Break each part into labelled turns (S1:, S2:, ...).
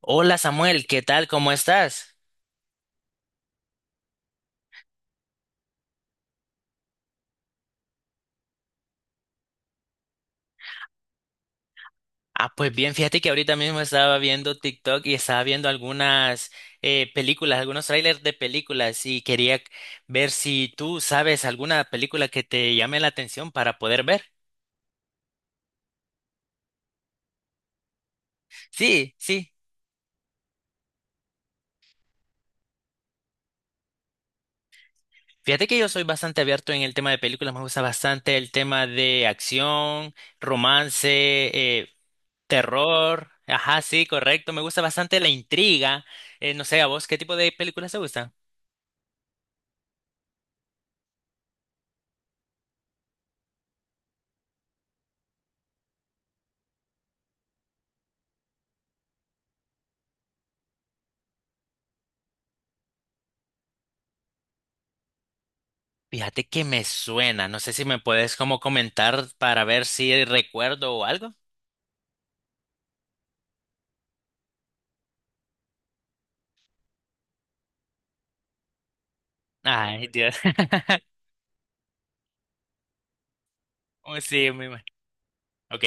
S1: Hola Samuel, ¿qué tal? ¿Cómo estás? Pues bien, fíjate que ahorita mismo estaba viendo TikTok y estaba viendo algunas películas, algunos trailers de películas y quería ver si tú sabes alguna película que te llame la atención para poder ver. Sí, sí. Fíjate que yo soy bastante abierto en el tema de películas, me gusta bastante el tema de acción, romance, terror. Ajá, sí, correcto, me gusta bastante la intriga. No sé, ¿a vos qué tipo de películas te gustan? Fíjate que me suena, no sé si me puedes como comentar para ver si recuerdo o algo. Ay, Dios. Oh, sí, Ok,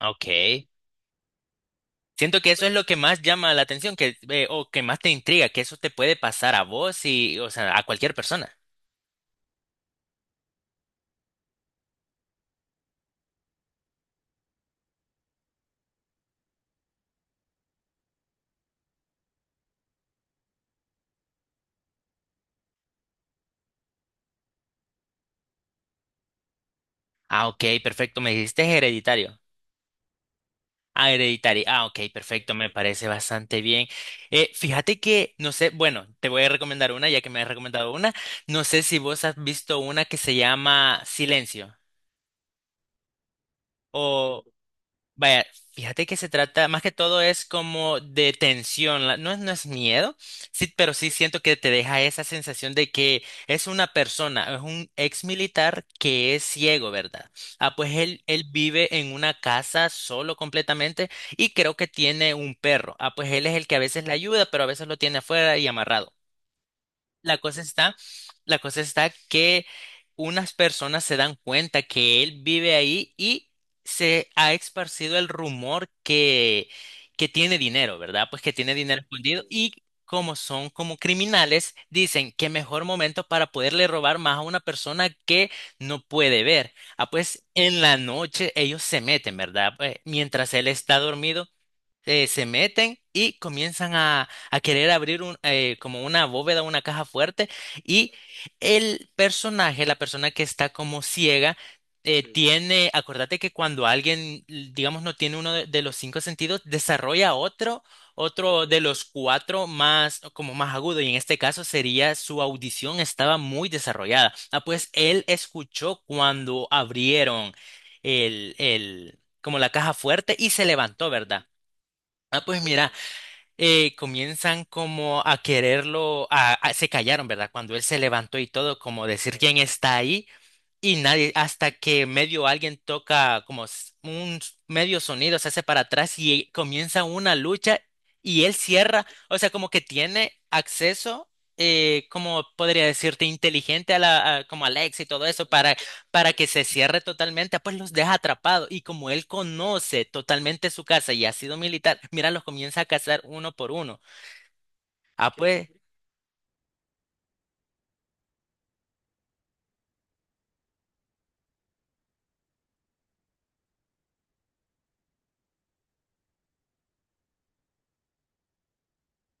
S1: ok. Siento que eso es lo que más llama la atención, que o que más te intriga, que eso te puede pasar a vos y, o sea, a cualquier persona. Ah, ok, perfecto. Me dijiste hereditario. Ah, hereditario. Ah, ok, perfecto. Me parece bastante bien. Fíjate que, no sé, bueno, te voy a recomendar una, ya que me has recomendado una. No sé si vos has visto una que se llama Silencio. O, vaya, fíjate que se trata, más que todo es como de tensión, no es, no es miedo, sí, pero sí siento que te deja esa sensación de que es una persona, es un ex militar que es ciego, ¿verdad? Él vive en una casa solo completamente y creo que tiene un perro. Ah, pues él es el que a veces le ayuda, pero a veces lo tiene afuera y amarrado. La cosa está, la cosa está que unas personas se dan cuenta que él vive ahí y se ha esparcido el rumor que tiene dinero, ¿verdad? Pues que tiene dinero escondido y como son como criminales, dicen que mejor momento para poderle robar más a una persona que no puede ver. Ah, pues en la noche ellos se meten, ¿verdad? Pues, mientras él está dormido, se meten y comienzan a querer abrir un, como una bóveda, una caja fuerte, y el personaje, la persona que está como ciega, sí, tiene, acuérdate que cuando alguien, digamos, no tiene uno de los cinco sentidos, desarrolla otro, otro de los cuatro más, como más agudo, y en este caso sería su audición estaba muy desarrollada. Ah, pues él escuchó cuando abrieron el, como la caja fuerte y se levantó, ¿verdad? Ah, pues mira, comienzan como a quererlo, se callaron, ¿verdad? Cuando él se levantó y todo, como decir quién está ahí. Y nadie, hasta que medio alguien toca como medio sonido, se hace para atrás y comienza una lucha y él cierra, o sea, como que tiene acceso, como podría decirte, inteligente a la, como Alex y todo eso, para que se cierre totalmente, ah, pues los deja atrapados y como él conoce totalmente su casa y ha sido militar, mira, los comienza a cazar uno por uno. Ah, pues,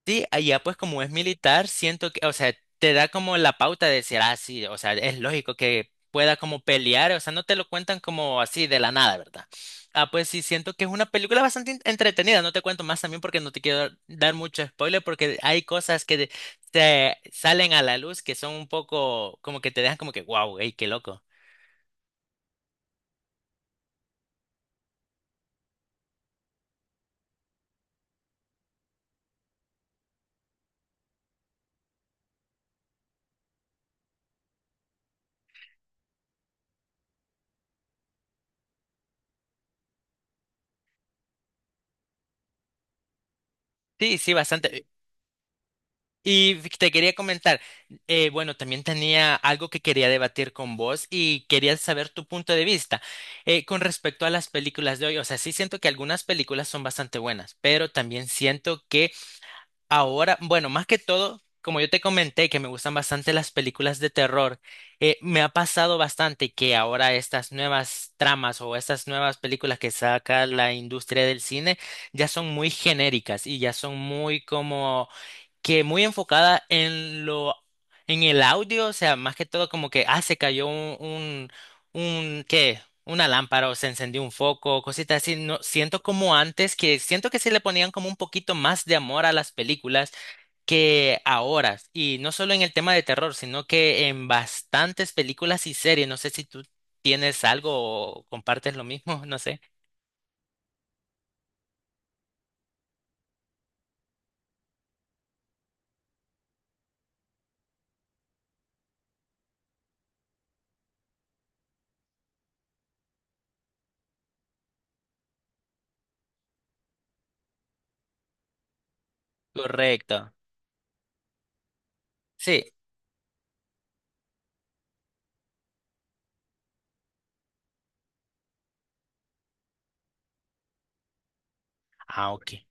S1: sí, allá pues como es militar, siento que, o sea, te da como la pauta de decir, ah, sí, o sea, es lógico que pueda como pelear, o sea, no te lo cuentan como así de la nada, ¿verdad? Ah, pues sí, siento que es una película bastante entretenida, no te cuento más también porque no te quiero dar mucho spoiler porque hay cosas que te salen a la luz que son un poco como que te dejan como que, wow, ey, qué loco. Sí, sí, bastante. Y te quería comentar, bueno, también tenía algo que quería debatir con vos y quería saber tu punto de vista con respecto a las películas de hoy. O sea, sí siento que algunas películas son bastante buenas, pero también siento que ahora, bueno, más que todo, como yo te comenté, que me gustan bastante las películas de terror, me ha pasado bastante que ahora estas nuevas tramas o estas nuevas películas que saca la industria del cine ya son muy genéricas y ya son muy como que muy enfocada en lo, en el audio, o sea, más que todo como que, ah, se cayó un, ¿qué? Una lámpara o se encendió un foco, cositas así. No, siento como antes que siento que sí le ponían como un poquito más de amor a las películas que ahora. Y no solo en el tema de terror, sino que en bastantes películas y series. No sé si tú tienes algo o compartes lo mismo, no sé. Correcto. Sí. Ah, ok.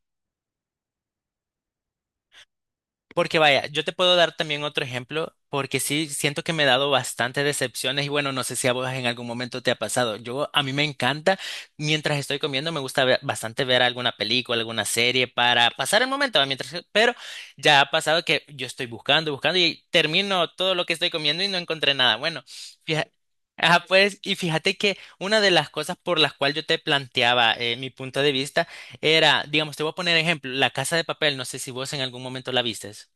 S1: Porque vaya, yo te puedo dar también otro ejemplo, porque sí siento que me he dado bastantes decepciones y bueno, no sé si a vos en algún momento te ha pasado. A mí me encanta, mientras estoy comiendo, me gusta bastante ver alguna película, alguna serie para pasar el momento, ¿va? Mientras, pero ya ha pasado que yo estoy buscando y termino todo lo que estoy comiendo y no encontré nada. Bueno, fíjate. Ah, pues, y fíjate que una de las cosas por las cuales yo te planteaba mi punto de vista era, digamos, te voy a poner ejemplo, La Casa de Papel, no sé si vos en algún momento la vistes.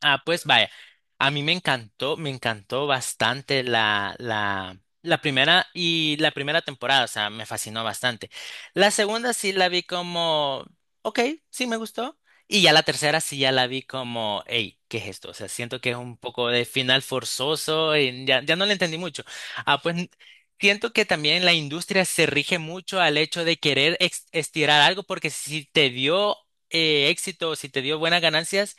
S1: Ah, pues vaya, a mí me encantó bastante la primera y la primera temporada, o sea, me fascinó bastante. La segunda sí la vi como, ok, sí me gustó. Y ya la tercera sí ya la vi como, hey, ¿qué es esto? O sea, siento que es un poco de final forzoso y ya, ya no le entendí mucho. Ah, pues n- Siento que también la industria se rige mucho al hecho de querer estirar algo porque si te dio éxito, si te dio buenas ganancias,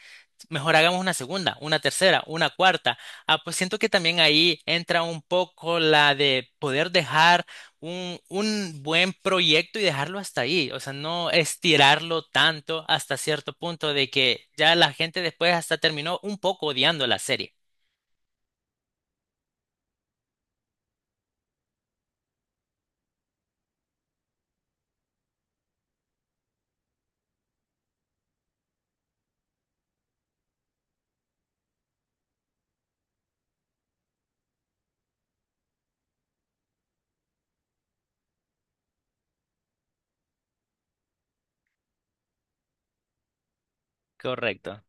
S1: mejor hagamos una segunda, una tercera, una cuarta. Ah, pues siento que también ahí entra un poco la de poder dejar un buen proyecto y dejarlo hasta ahí. O sea, no estirarlo tanto hasta cierto punto de que ya la gente después hasta terminó un poco odiando la serie. Correcto.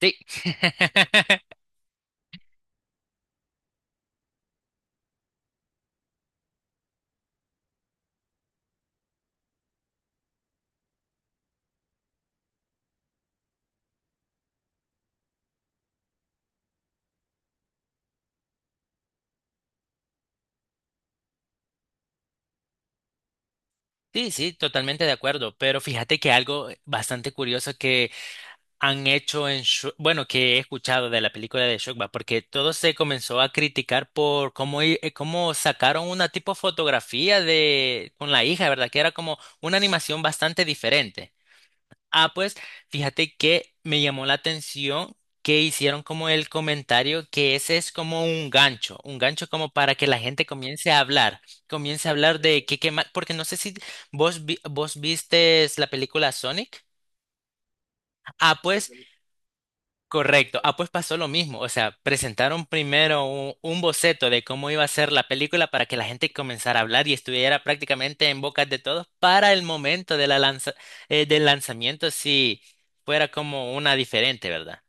S1: Sí. Sí, sí, totalmente de acuerdo, pero fíjate que algo bastante curioso que han hecho en, bueno, que he escuchado de la película de Shrek, porque todo se comenzó a criticar por cómo, cómo sacaron una tipo fotografía de con la hija, ¿verdad? Que era como una animación bastante diferente. Ah, pues fíjate que me llamó la atención que hicieron como el comentario que ese es como un gancho como para que la gente comience a hablar de qué porque no sé si vos vistes la película Sonic. Ah, pues correcto. Ah, pues pasó lo mismo. O sea, presentaron primero un boceto de cómo iba a ser la película para que la gente comenzara a hablar y estuviera prácticamente en bocas de todos para el momento de la del lanzamiento, si fuera como una diferente, ¿verdad?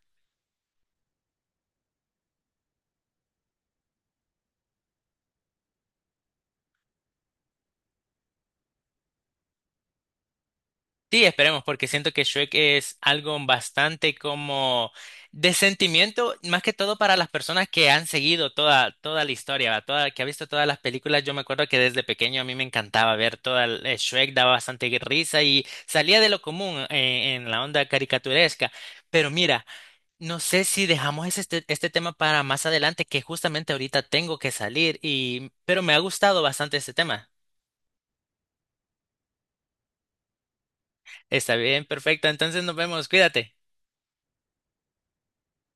S1: Sí, esperemos, porque siento que Shrek es algo bastante como de sentimiento, más que todo para las personas que han seguido toda, toda la historia, ¿va? Toda, que ha visto todas las películas. Yo me acuerdo que desde pequeño a mí me encantaba ver toda el, Shrek, daba bastante risa y salía de lo común en la onda caricaturesca. Pero mira, no sé si dejamos este, este tema para más adelante, que justamente ahorita tengo que salir y, pero me ha gustado bastante este tema. Está bien, perfecto. Entonces nos vemos, cuídate.